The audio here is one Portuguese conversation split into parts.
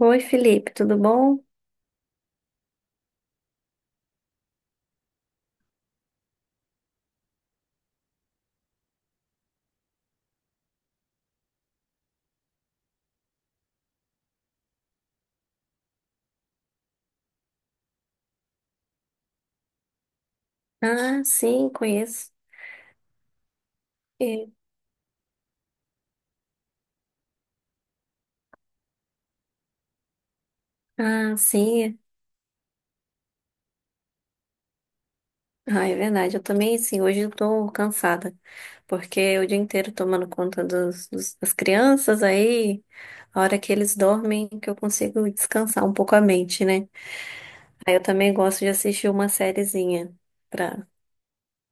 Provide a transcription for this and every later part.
Oi, Felipe, tudo bom? Ah, sim, conheço. E- Ah, sim. Ah, é verdade. Eu também, sim. Hoje eu tô cansada, porque é o dia inteiro tomando conta das crianças, aí a hora que eles dormem que eu consigo descansar um pouco a mente, né? Aí eu também gosto de assistir uma sériezinha pra,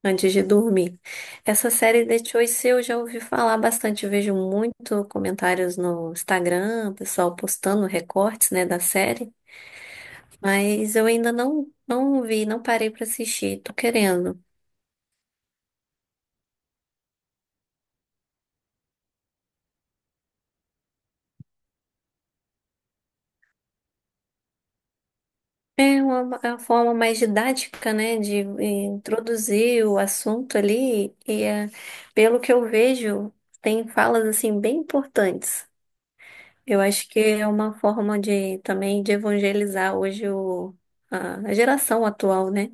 antes de dormir. Essa série The Choice eu já ouvi falar bastante. Eu vejo muito comentários no Instagram, o pessoal postando recortes, né, da série. Mas eu ainda não, não vi, não parei pra assistir. Tô querendo. É uma forma mais didática, né, de introduzir o assunto ali. E é, pelo que eu vejo, tem falas assim bem importantes. Eu acho que é uma forma de também de evangelizar hoje a geração atual, né?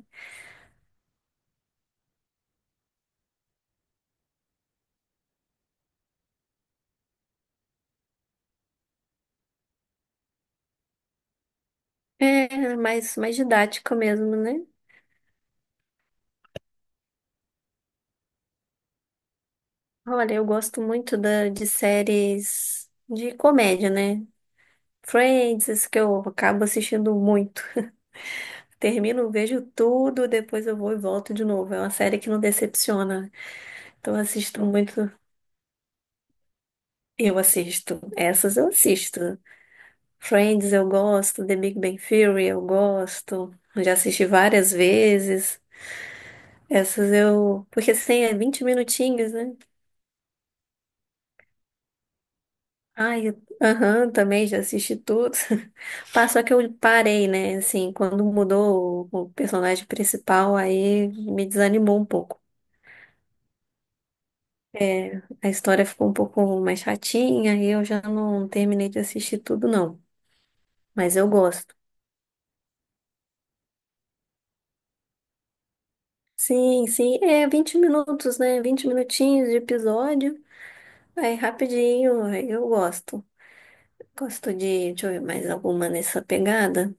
É mais didática mesmo, né? Olha, eu gosto muito de séries de comédia, né? Friends, isso que eu acabo assistindo muito. Termino, vejo tudo, depois eu vou e volto de novo. É uma série que não decepciona. Então eu assisto muito. Eu assisto. Essas eu assisto. Friends eu gosto, The Big Bang Theory eu gosto. Eu já assisti várias vezes. Essas eu. Porque assim, é 20 minutinhos, né? Ai, aham, também já assisti tudo. Pá, só que eu parei, né? Assim, quando mudou o personagem principal, aí me desanimou um pouco. É, a história ficou um pouco mais chatinha e eu já não terminei de assistir tudo, não. Mas eu gosto. Sim, sim, é 20 minutos, né? 20 minutinhos de episódio. Aí rapidinho, aí eu gosto. Gosto deixa eu ver mais alguma nessa pegada.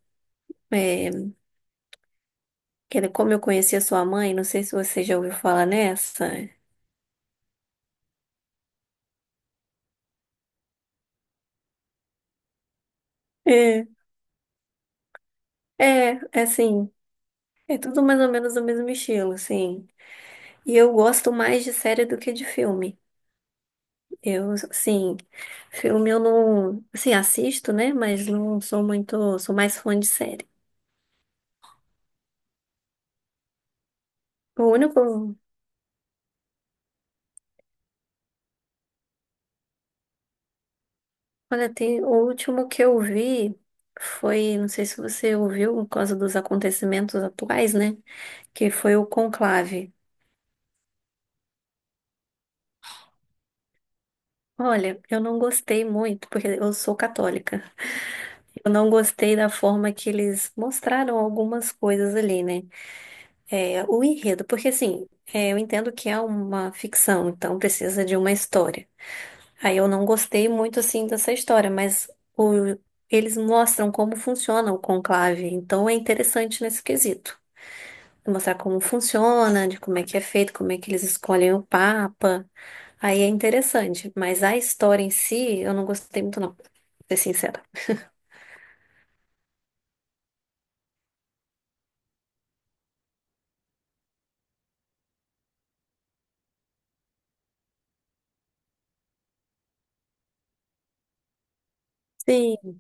É, que era como eu conheci a sua mãe, não sei se você já ouviu falar nessa. É, é assim, é tudo mais ou menos do mesmo estilo, assim. E eu gosto mais de série do que de filme. Eu, sim, filme eu não, assim, assisto, né? Mas não sou muito, sou mais fã de série. O único, olha, tem, o último que eu vi foi, não sei se você ouviu, por causa dos acontecimentos atuais, né? Que foi o Conclave. Olha, eu não gostei muito, porque eu sou católica. Eu não gostei da forma que eles mostraram algumas coisas ali, né? É, o enredo, porque assim, é, eu entendo que é uma ficção, então precisa de uma história. Aí eu não gostei muito assim dessa história, mas o- eles mostram como funciona o conclave, então é interessante nesse quesito. Mostrar como funciona, de como é que é feito, como é que eles escolhem o papa. Aí é interessante, mas a história em si eu não gostei muito não, pra ser sincera. Sim,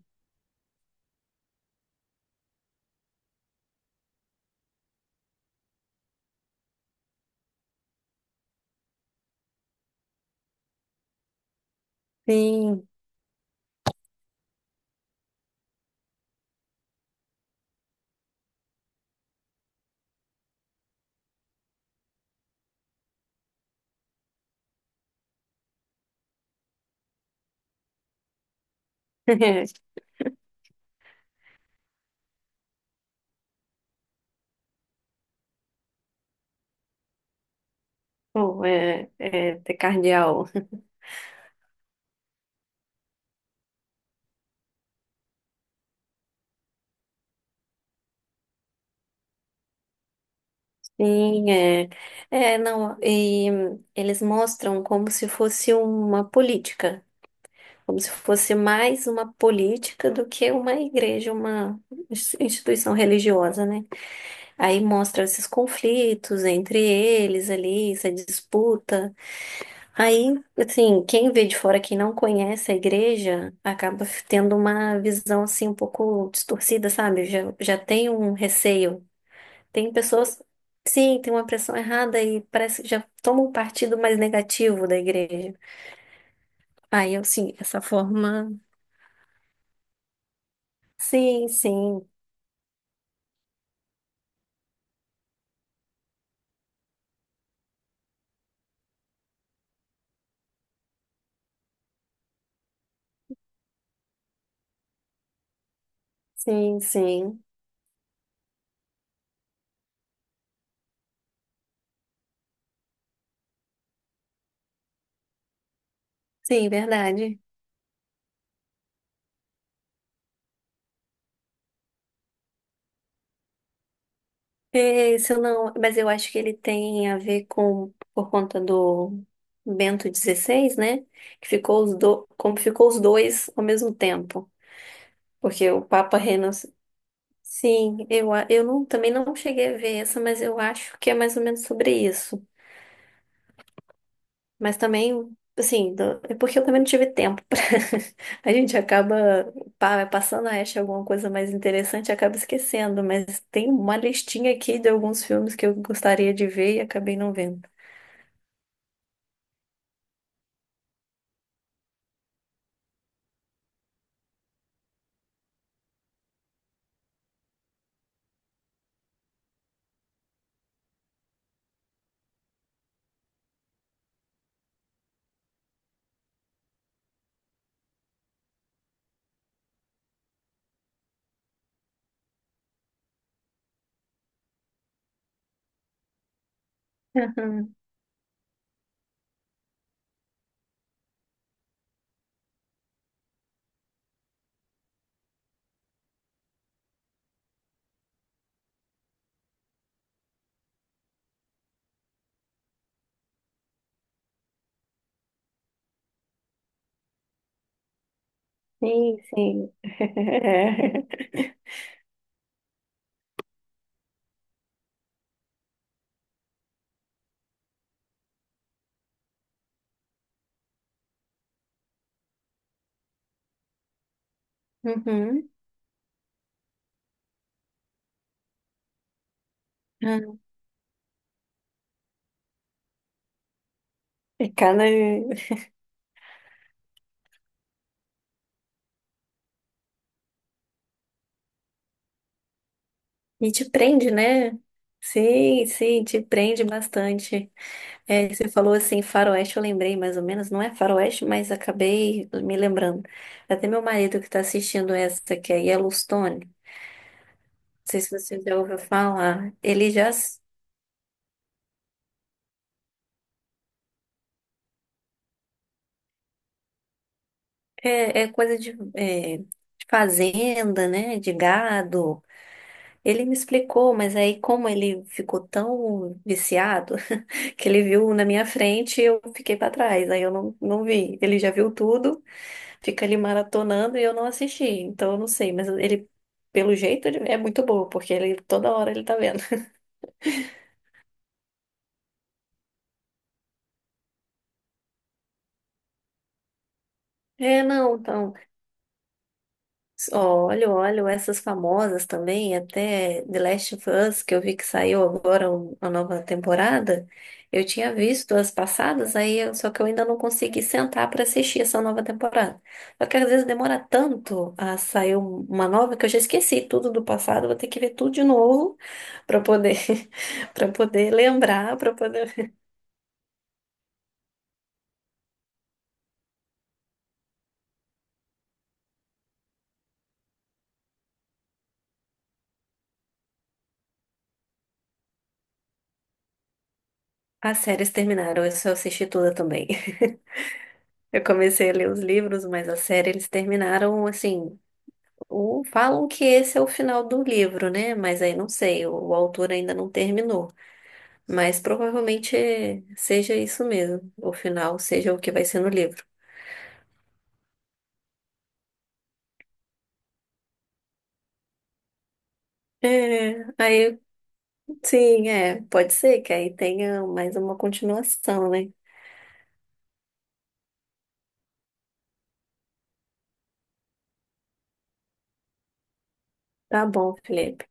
sim. Pô, ter cardeal. Sim, é. É, não, e eles mostram como se fosse uma política. Como se fosse mais uma política do que uma igreja, uma instituição religiosa, né? Aí mostra esses conflitos entre eles ali, essa disputa. Aí, assim, quem vê de fora, quem não conhece a igreja, acaba tendo uma visão assim um pouco distorcida, sabe? Já tem um receio. Tem pessoas, sim, tem uma pressão errada e parece que já toma um partido mais negativo da igreja. Aí, assim, essa forma. Sim, sim. Sim, sim. Sim, verdade. É, se eu não, mas eu acho que ele tem a ver com, por conta do Bento XVI, né? Que ficou os como ficou os dois ao mesmo tempo. Porque o Papa renunci... Sim, eu não, também não cheguei a ver essa, mas eu acho que é mais ou menos sobre isso. Mas também, assim, é porque eu também não tive tempo pra... A gente acaba passando a acha alguma coisa mais interessante, e acaba esquecendo, mas tem uma listinha aqui de alguns filmes que eu gostaria de ver e acabei não vendo. Aham. Sim, sim. Uhum. Uhum. E cada... E te prende, né? Sim, sim, te prende bastante. É, você falou assim, faroeste, eu lembrei mais ou menos, não é faroeste, mas acabei me lembrando. Até meu marido que está assistindo essa, que é Yellowstone, não sei se você já ouviu falar, ele já é coisa de fazenda, né, de gado. Ele me explicou, mas aí como ele ficou tão viciado, que ele viu na minha frente e eu fiquei para trás, aí eu não, não vi. Ele já viu tudo. Fica ali maratonando e eu não assisti, então eu não sei, mas ele, pelo jeito, ele é muito bom, porque ele toda hora ele tá vendo. É, não, então. Olho, olho, essas famosas também, até The Last of Us, que eu vi que saiu agora a nova temporada. Eu tinha visto as passadas, aí só que eu ainda não consegui sentar para assistir essa nova temporada. Só que às vezes demora tanto a sair uma nova que eu já esqueci tudo do passado, vou ter que ver tudo de novo para poder para poder lembrar, para poder. As séries terminaram, eu só assisti toda também. Eu comecei a ler os livros, mas a série eles terminaram assim. Ou falam que esse é o final do livro, né? Mas aí não sei, o autor ainda não terminou. Mas provavelmente seja isso mesmo, o final seja o que vai ser no livro. É, aí sim, é, pode ser que aí tenha mais uma continuação, né? Tá bom, Felipe.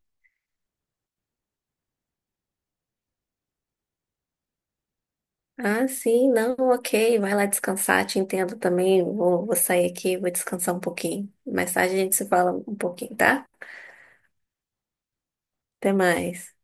Ah, sim, não, ok, vai lá descansar, te entendo também. Vou sair aqui, vou descansar um pouquinho. Mais tarde a gente se fala um pouquinho, tá? Até mais.